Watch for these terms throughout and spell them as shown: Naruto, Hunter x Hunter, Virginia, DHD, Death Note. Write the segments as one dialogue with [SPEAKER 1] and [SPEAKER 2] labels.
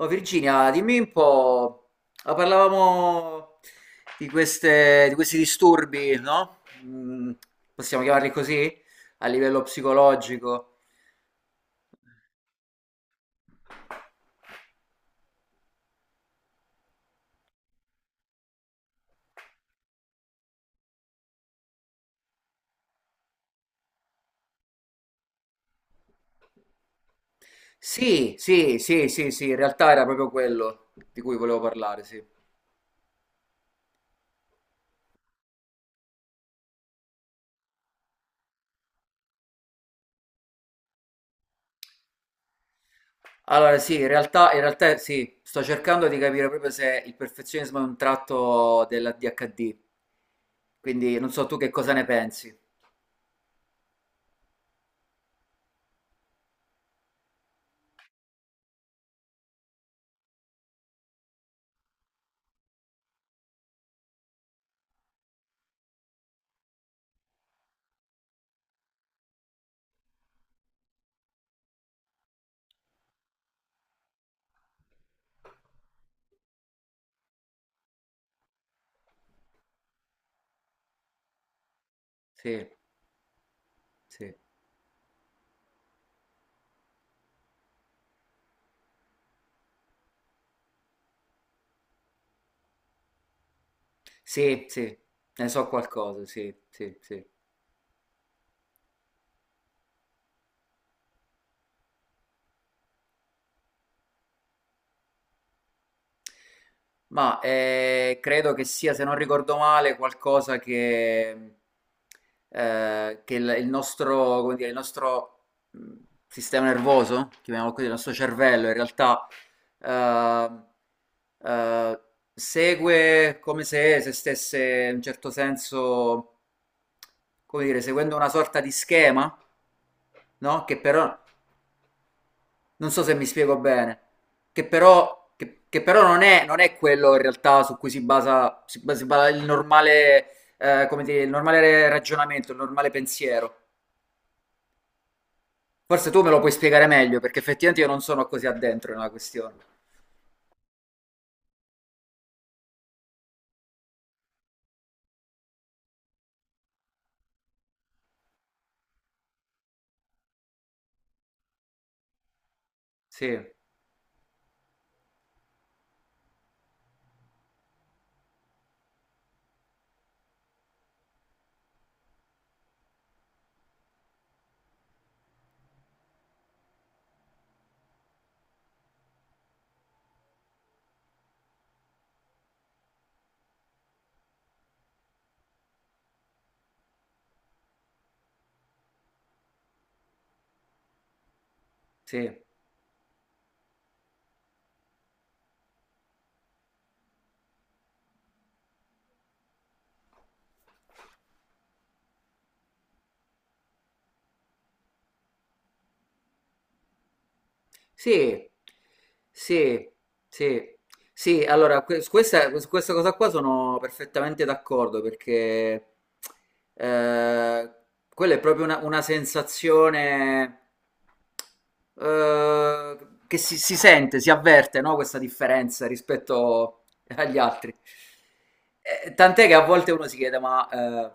[SPEAKER 1] Oh, Virginia, dimmi un po', parlavamo di questi disturbi, no? Possiamo chiamarli così? A livello psicologico. Sì, in realtà era proprio quello di cui volevo parlare, sì. Allora, sì, in realtà sì, sto cercando di capire proprio se il perfezionismo è un tratto della DHD, quindi non so tu che cosa ne pensi. Sì, sì, sì, ne so qualcosa, sì, sì, sì. Ma credo che sia, se non ricordo male, qualcosa che il nostro, come dire, il nostro mh, sistema nervoso, chiamiamolo così, il nostro cervello, in realtà eh, eh, segue come se, se stesse in un certo senso, come dire, seguendo una sorta di schema, no? Che però non so se mi spiego bene, che però, che però non è, non è quello in realtà su cui si basa, si basa- si basa il normale, come dire, il normale ragionamento, il normale pensiero. Forse tu me lo puoi spiegare meglio, perché effettivamente io non sono così addentro nella questione. Sì, sì. Sì, sì, sì, sì, su questa cosa qua sono perfettamente d'accordo perché eh, quella è proprio una sensazione eh, che si sente, si avverte, no? Questa differenza rispetto agli altri. Tant'è che a volte uno si chiede, ma eh,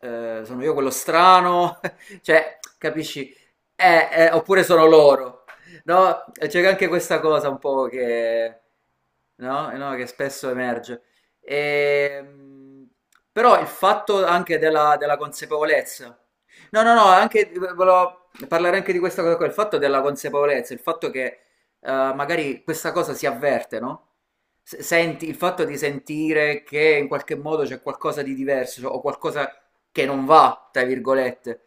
[SPEAKER 1] eh, sono io quello strano? Cioè, capisci? Oppure sono loro. No, c'era anche questa cosa un po' che, no? No, che spesso emerge. Ehm, però il fatto anche della consapevolezza. No, no, no, anche, volevo parlare anche di questa cosa qua, il fatto della consapevolezza, il fatto che magari questa cosa si avverte, no? Senti, il fatto di sentire che in qualche modo c'è qualcosa di diverso cioè, o qualcosa che non va, tra virgolette.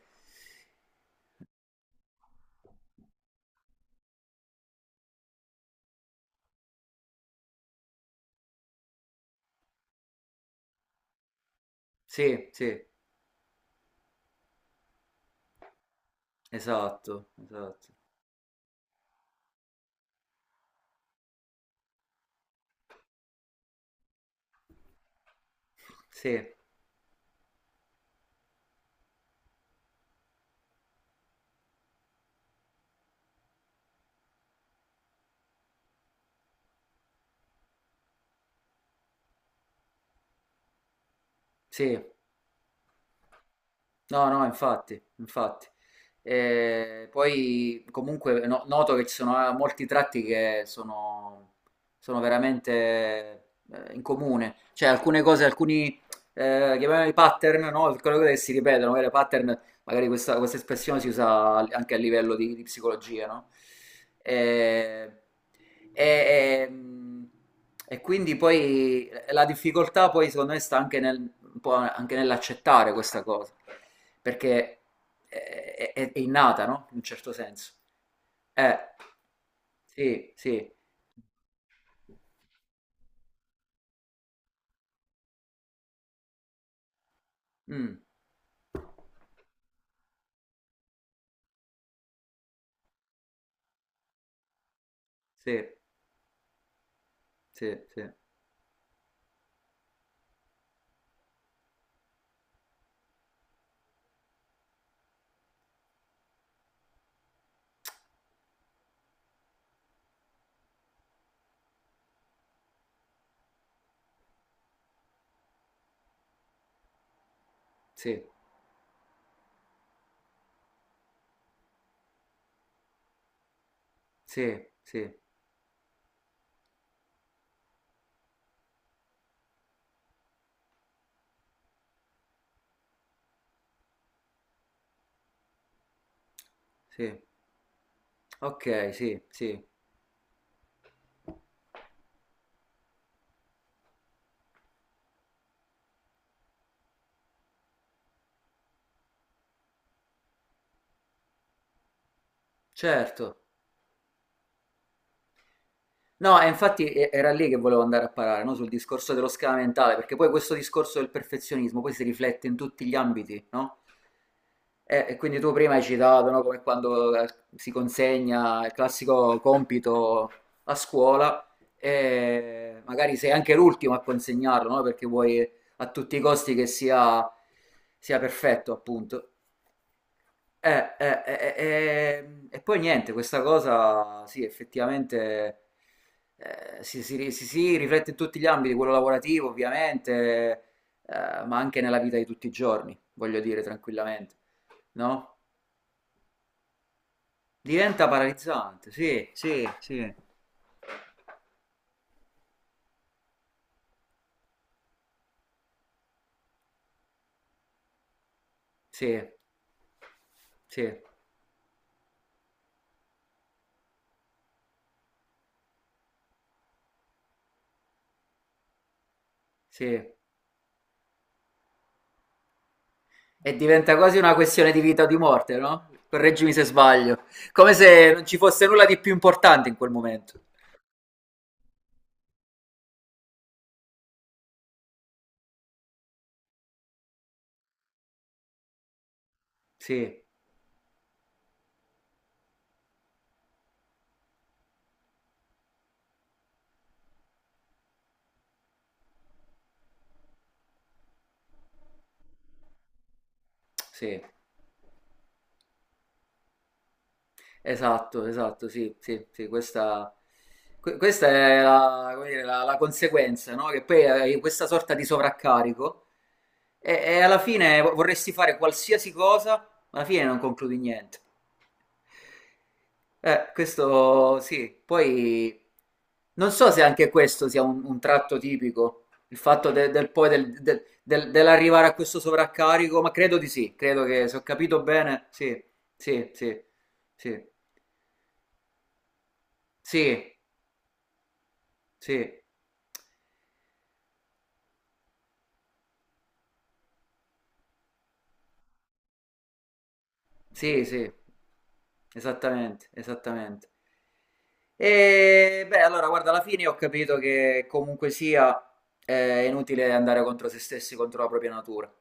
[SPEAKER 1] Sì, sì, esatto, esatto. Sì. Sì, no, no, infatti, infatti. Poi comunque noto che ci sono molti tratti che sono, sono veramente in comune, cioè alcune cose, alcuni chiamiamoli pattern, no? Quelle cose che si ripetono, magari pattern, magari questa espressione si usa anche a livello di psicologia, no? Eh, e, e, mh, e quindi poi la difficoltà poi secondo me sta anche un po' anche nell'accettare questa cosa perché è innata, no? In un certo senso. Eh, sì, sì. Mm, sì, sì, sì, sì, sì, sì, sì. Ok, sì, sì, certo. No, e infatti era lì che volevo andare a parare, no? Sul discorso dello schema mentale, perché poi questo discorso del perfezionismo poi si riflette in tutti gli ambiti, no? E quindi tu prima hai citato, no? Come quando si consegna il classico compito a scuola e magari sei anche l'ultimo a consegnarlo, no? Perché vuoi a tutti i costi che sia, sia perfetto, appunto. E poi niente, questa cosa sì, effettivamente si riflette in tutti gli ambiti, quello lavorativo ovviamente, eh, ma anche nella vita di tutti i giorni, voglio dire tranquillamente, no? Diventa paralizzante, sì, sì, sì, sì, sì, sì. E diventa quasi una questione di vita o di morte, no? Correggimi se sbaglio, come se non ci fosse nulla di più importante in quel momento. Sì, sì. Esatto, esatto, sì, sì, sì, questa, questa è la, come dire, la conseguenza, no? Che poi hai questa sorta di sovraccarico e alla fine vorresti fare qualsiasi cosa, ma alla fine non concludi niente. Questo sì, poi non so se anche questo sia un tratto tipico, il fatto de- del, poi del- del- del- dell'arrivare a questo sovraccarico, ma credo di sì, credo che se ho capito bene, sì, sì, sì, sì, sì. Sì. Sì, sì. Esattamente, esattamente. E beh, allora, guarda, alla fine ho capito che comunque sia è inutile andare contro se stessi, contro la propria natura.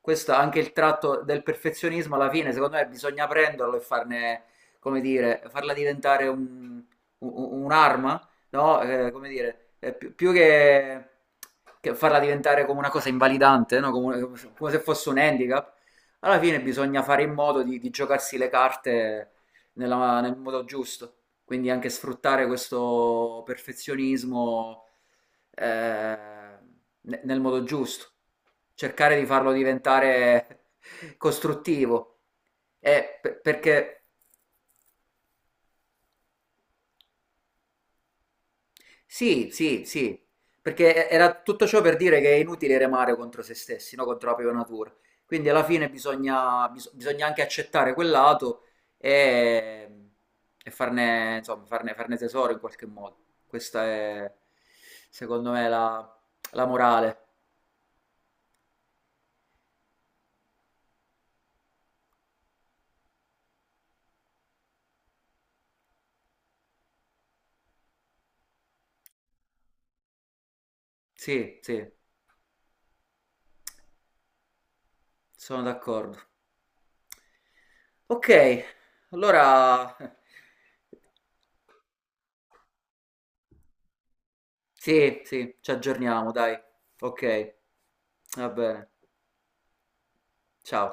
[SPEAKER 1] Questo è anche il tratto del perfezionismo, alla fine, secondo me, bisogna prenderlo e farne, come dire, farla diventare un'arma, no? Come dire, più che farla diventare come una cosa invalidante, no? Come, come se fosse un handicap. Alla fine bisogna fare in modo di giocarsi le carte nel modo giusto. Quindi anche sfruttare questo perfezionismo eh, nel modo giusto. Cercare di farlo diventare costruttivo. Perché sì, sì, sì, perché era tutto ciò per dire che è inutile remare contro se stessi, no? Contro la propria natura. Quindi alla fine bisogna, bisogna anche accettare quel lato e, e farne, insomma, farne tesoro in qualche modo. Questa è, secondo me, la, la morale. Sì, sì, sono d'accordo. Ok, allora sì, sì, ci aggiorniamo, dai. Ok, va bene. Ciao.